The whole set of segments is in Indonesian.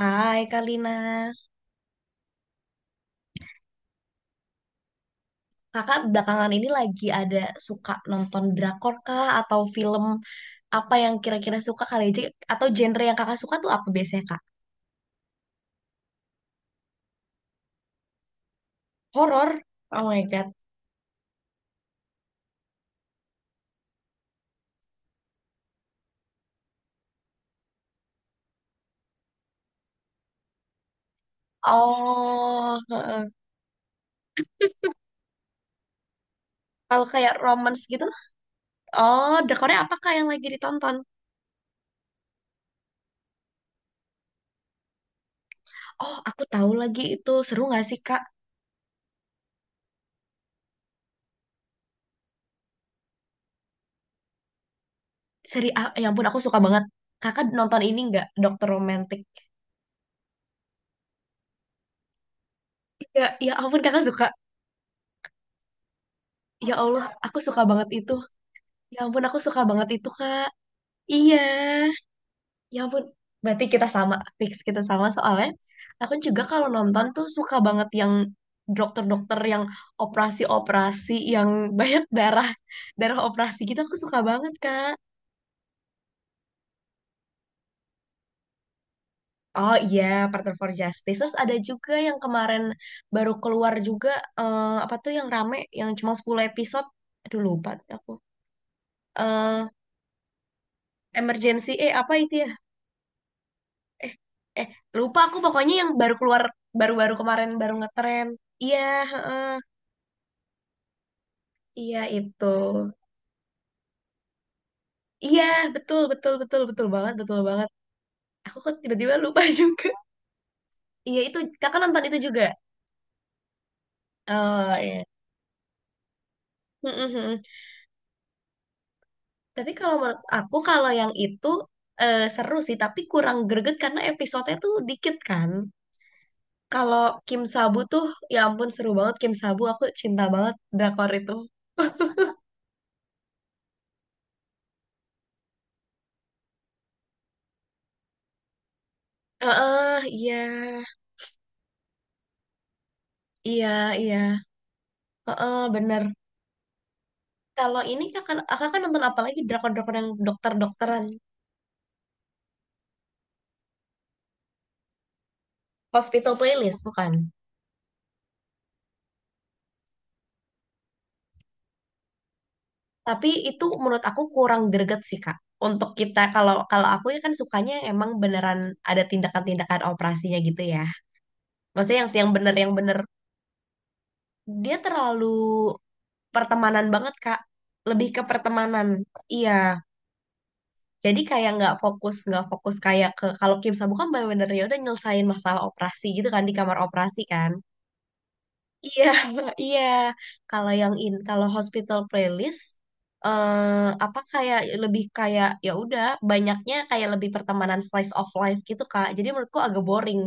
Hai Kalina, kakak belakangan ini lagi ada suka nonton drakor kah atau film apa yang kira-kira suka kali aja atau genre yang kakak suka tuh apa biasanya kak? Horor? Oh my God. Oh, heeh. Kalau kayak romance gitu? Oh, drakornya apa kak yang lagi ditonton? Oh, aku tahu lagi itu seru nggak sih kak? Seri, ah, ya ampun aku suka banget. Kakak nonton ini nggak, Dokter Romantik? Ya, ya ampun kakak suka. Ya Allah, aku suka banget itu. Ya ampun, aku suka banget itu, Kak. Iya, ya ampun. Berarti kita sama, fix kita sama soalnya. Aku juga kalau nonton tuh suka banget yang dokter-dokter yang operasi-operasi yang banyak darah darah operasi gitu aku suka banget Kak. Oh iya, Partner for Justice. Terus ada juga yang kemarin baru keluar juga, apa tuh yang rame yang cuma 10 episode. Aduh lupa aku. eh Emergency, apa itu ya? eh eh lupa aku pokoknya yang baru keluar baru-baru kemarin baru ngetren. Iya, heeh, iya itu, iya, betul betul betul betul banget, betul banget. Aku kok tiba-tiba lupa juga. Iya itu kakak nonton itu juga. Oh iya. Mm, mm, mm. Tapi kalau menurut aku kalau yang itu seru sih tapi kurang greget karena episodenya tuh dikit kan. Kalau Kim Sabu tuh, ya ampun seru banget Kim Sabu, aku cinta banget drakor itu. Heeh, iya, iya, iya. Heeh, bener. Kalau ini kakak, kan nonton apa lagi drakor-drakor yang dokter-dokteran? Hospital Playlist, bukan? Tapi itu menurut aku kurang greget sih, Kak. Untuk kita, kalau kalau aku ya kan sukanya emang beneran ada tindakan-tindakan operasinya gitu ya. Maksudnya yang bener, yang bener. Dia terlalu pertemanan banget, Kak. Lebih ke pertemanan. Iya. Jadi kayak nggak fokus kayak ke kalau Kim sa kan bener-bener ya udah nyelesain masalah operasi gitu kan di kamar operasi kan. Iya, iya. Kalau kalau hospital playlist apa kayak lebih kayak ya udah banyaknya kayak lebih pertemanan slice of life gitu Kak. Jadi menurutku agak boring.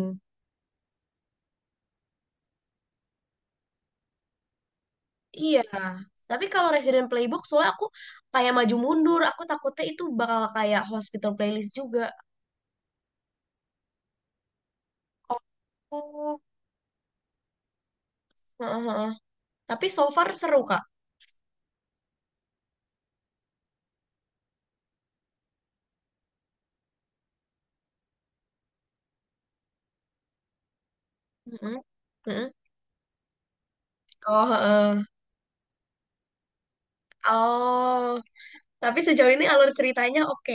Iya. Tapi kalau Resident Playbook soalnya aku kayak maju mundur, aku takutnya itu bakal kayak hospital playlist juga. Oh, heeh, heeh. Tapi so far seru Kak. Heeh, heeh. Oh, heeh. Oh. Tapi sejauh ini alur ceritanya oke.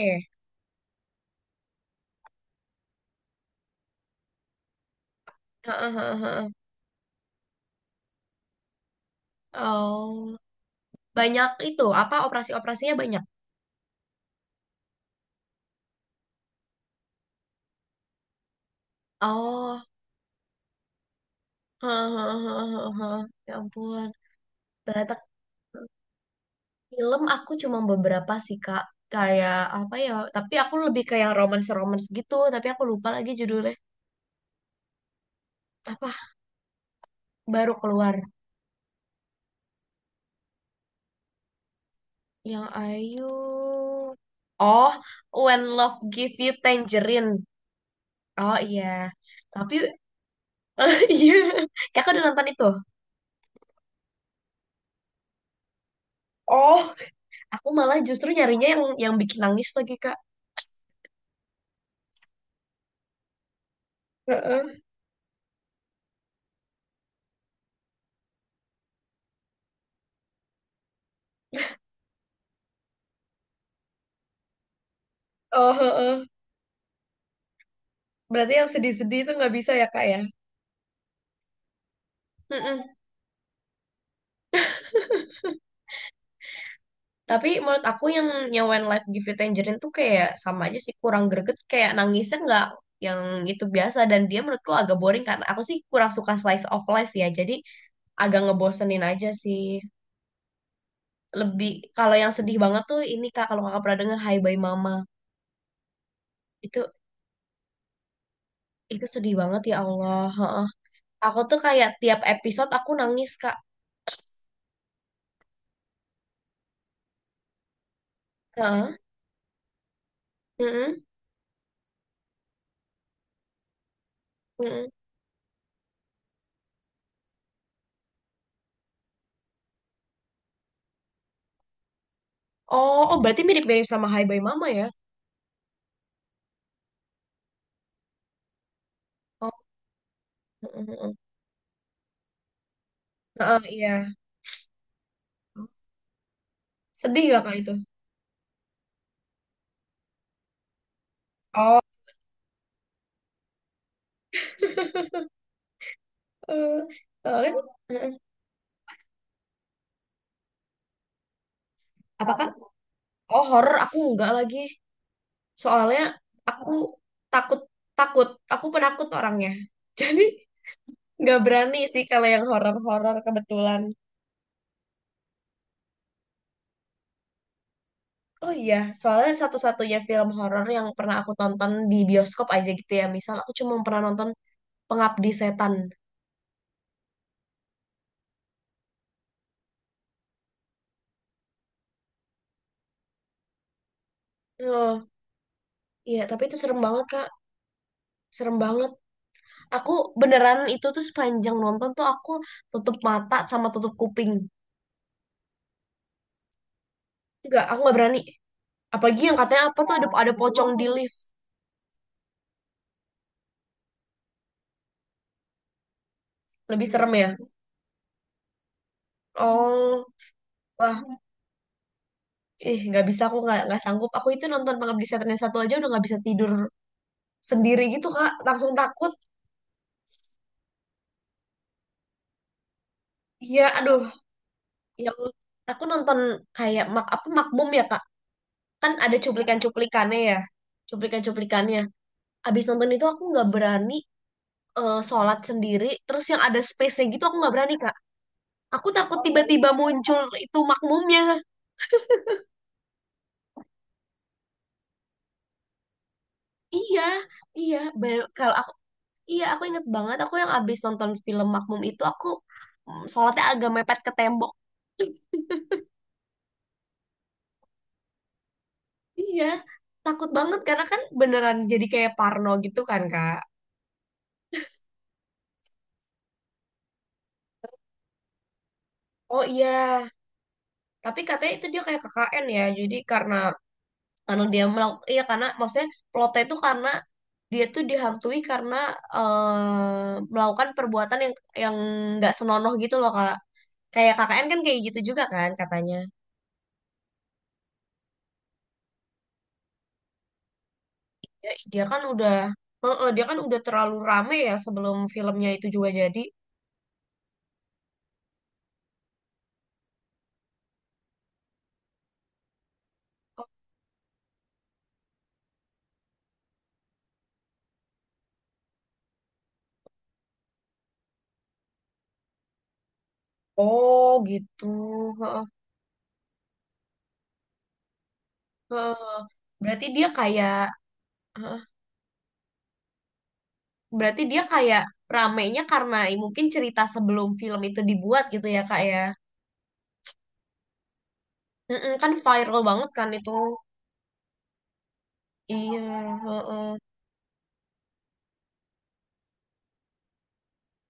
Heeh, heeh, heeh. Oh. Banyak itu, apa operasi-operasinya banyak. Oh, ya ampun. Ternyata film aku cuma beberapa sih, Kak. Kayak apa ya? Tapi aku lebih ke yang romance-romance gitu. Tapi aku lupa lagi judulnya. Apa? Baru keluar. Yang Ayu. Oh, When Love Give You Tangerine. Oh iya. Tapi iya. Kakak udah nonton itu? Oh, aku malah justru nyarinya yang bikin nangis lagi, Kak. Heeh. Oh, heeh. Berarti yang sedih-sedih itu nggak bisa ya, Kak, ya? Mm-mm. Tapi menurut aku yang When Life Give You Tangerine tuh kayak sama aja sih, kurang greget. Kayak nangisnya nggak yang itu biasa. Dan dia menurutku agak boring karena aku sih kurang suka slice of life ya. Jadi agak ngebosenin aja sih. Lebih, kalau yang sedih banget tuh ini, Kak, kalau kakak pernah denger Hai Bye Mama. Itu itu sedih banget, ya Allah. Heeh. Aku tuh kayak tiap episode aku nangis, Kak. Heeh. Mm-mm. Mm-mm. Oh, oh, berarti mirip-mirip sama Hai Bye Mama ya? Oh, mm-mm. Heeh, iya. Sedih gak kak itu? Oh, Eh, soalnya, eh, apa kan? Oh, horor aku enggak lagi. Soalnya aku takut, takut. Aku penakut orangnya. Jadi nggak berani sih kalau yang horor-horor kebetulan. Oh iya, soalnya satu-satunya film horor yang pernah aku tonton di bioskop aja gitu ya. Misal aku cuma pernah nonton Pengabdi Setan. Oh, iya, tapi itu serem banget, Kak. Serem banget. Aku beneran itu tuh sepanjang nonton tuh aku tutup mata sama tutup kuping. Enggak, aku nggak berani. Apalagi yang katanya apa tuh ada pocong di lift. Lebih serem ya. Oh, wah, ih nggak bisa aku nggak sanggup. Aku itu nonton Pengabdi Setan yang satu aja udah nggak bisa tidur sendiri gitu Kak. Langsung takut. Iya, aduh, yang aku nonton kayak apa Makmum ya Kak. Kan ada cuplikan-cuplikannya ya. Cuplikan-cuplikannya. Abis nonton itu aku nggak berani, sholat sendiri. Terus yang ada space-nya gitu aku nggak berani Kak. Aku takut tiba-tiba muncul itu makmumnya. Iya, iya. Kalau aku, iya aku inget banget. Aku yang abis nonton film Makmum itu aku sholatnya agak mepet ke tembok. Iya, takut banget karena kan beneran jadi kayak parno gitu kan Kak. Oh iya, tapi katanya itu dia kayak KKN ya. Jadi karena dia melakukan, iya, karena maksudnya plotnya itu karena dia tuh dihantui karena melakukan perbuatan yang nggak senonoh gitu loh kak, kayak KKN kan kayak gitu juga kan katanya, ya dia kan udah terlalu rame ya sebelum filmnya itu juga jadi oh gitu. Heeh, heeh. Berarti dia kayak heeh. Berarti dia kayak ramenya karena mungkin cerita sebelum film itu dibuat gitu ya kak ya. Mm-mm, kan viral banget kan itu. Iya, heeh.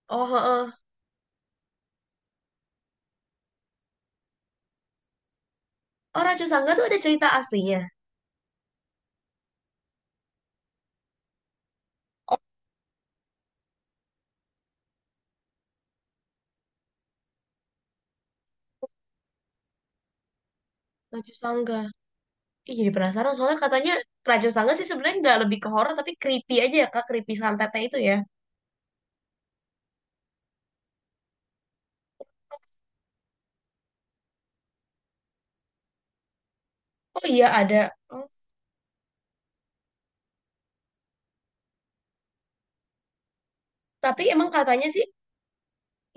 Oh, heeh. Oh, Raju Sangga tuh ada cerita aslinya. Oh, Raju Sangga. Ih, jadi penasaran soalnya katanya Raju Sangga sih sebenarnya nggak lebih ke horor tapi creepy aja ya Kak, creepy santetnya itu ya. Oh iya ada. Oh, tapi emang katanya sih,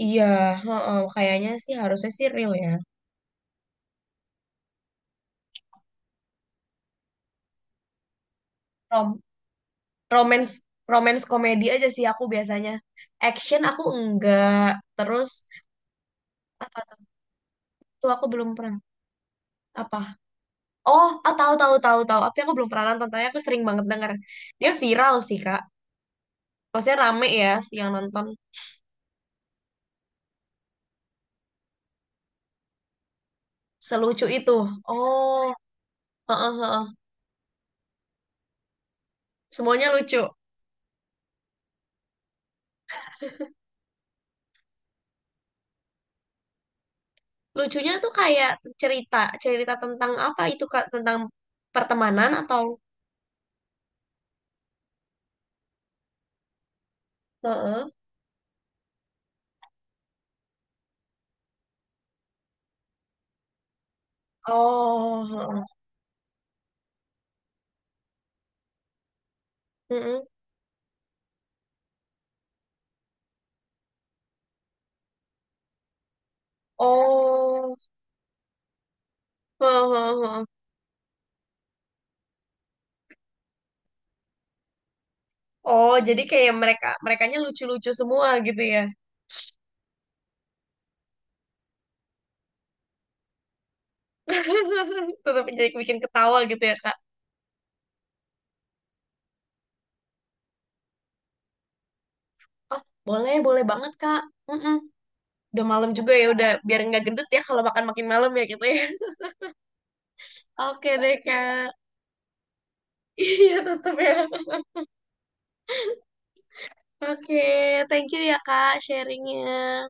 iya, heeh, kayaknya sih harusnya sih real ya. Rom romance romance komedi aja sih aku biasanya. Action aku enggak. Terus apa tuh? Tuh aku belum pernah. Apa? Oh, ah, tahu, tahu, tahu, tahu. Tapi aku belum pernah nonton, tapi aku sering banget denger. Dia viral sih, Kak. Maksudnya rame ya yang nonton selucu itu. Oh, heeh, heeh. Semuanya lucu. Lucunya tuh kayak cerita, cerita tentang apa itu, Kak? Tentang pertemanan atau... Heeh. Oh, heeh. Mm-mm. Oh, heeh, heeh, heeh. Oh, jadi kayak merekanya lucu-lucu semua gitu ya. Tetap jadi bikin ketawa gitu ya, Kak. Oh, boleh, boleh banget, Kak. Mm-mm. Udah malam juga ya, udah biar nggak gendut ya kalau makan makin malam ya gitu ya. Oke deh, Kak. Iya, tetap ya. Oke, thank you ya, Kak, sharingnya.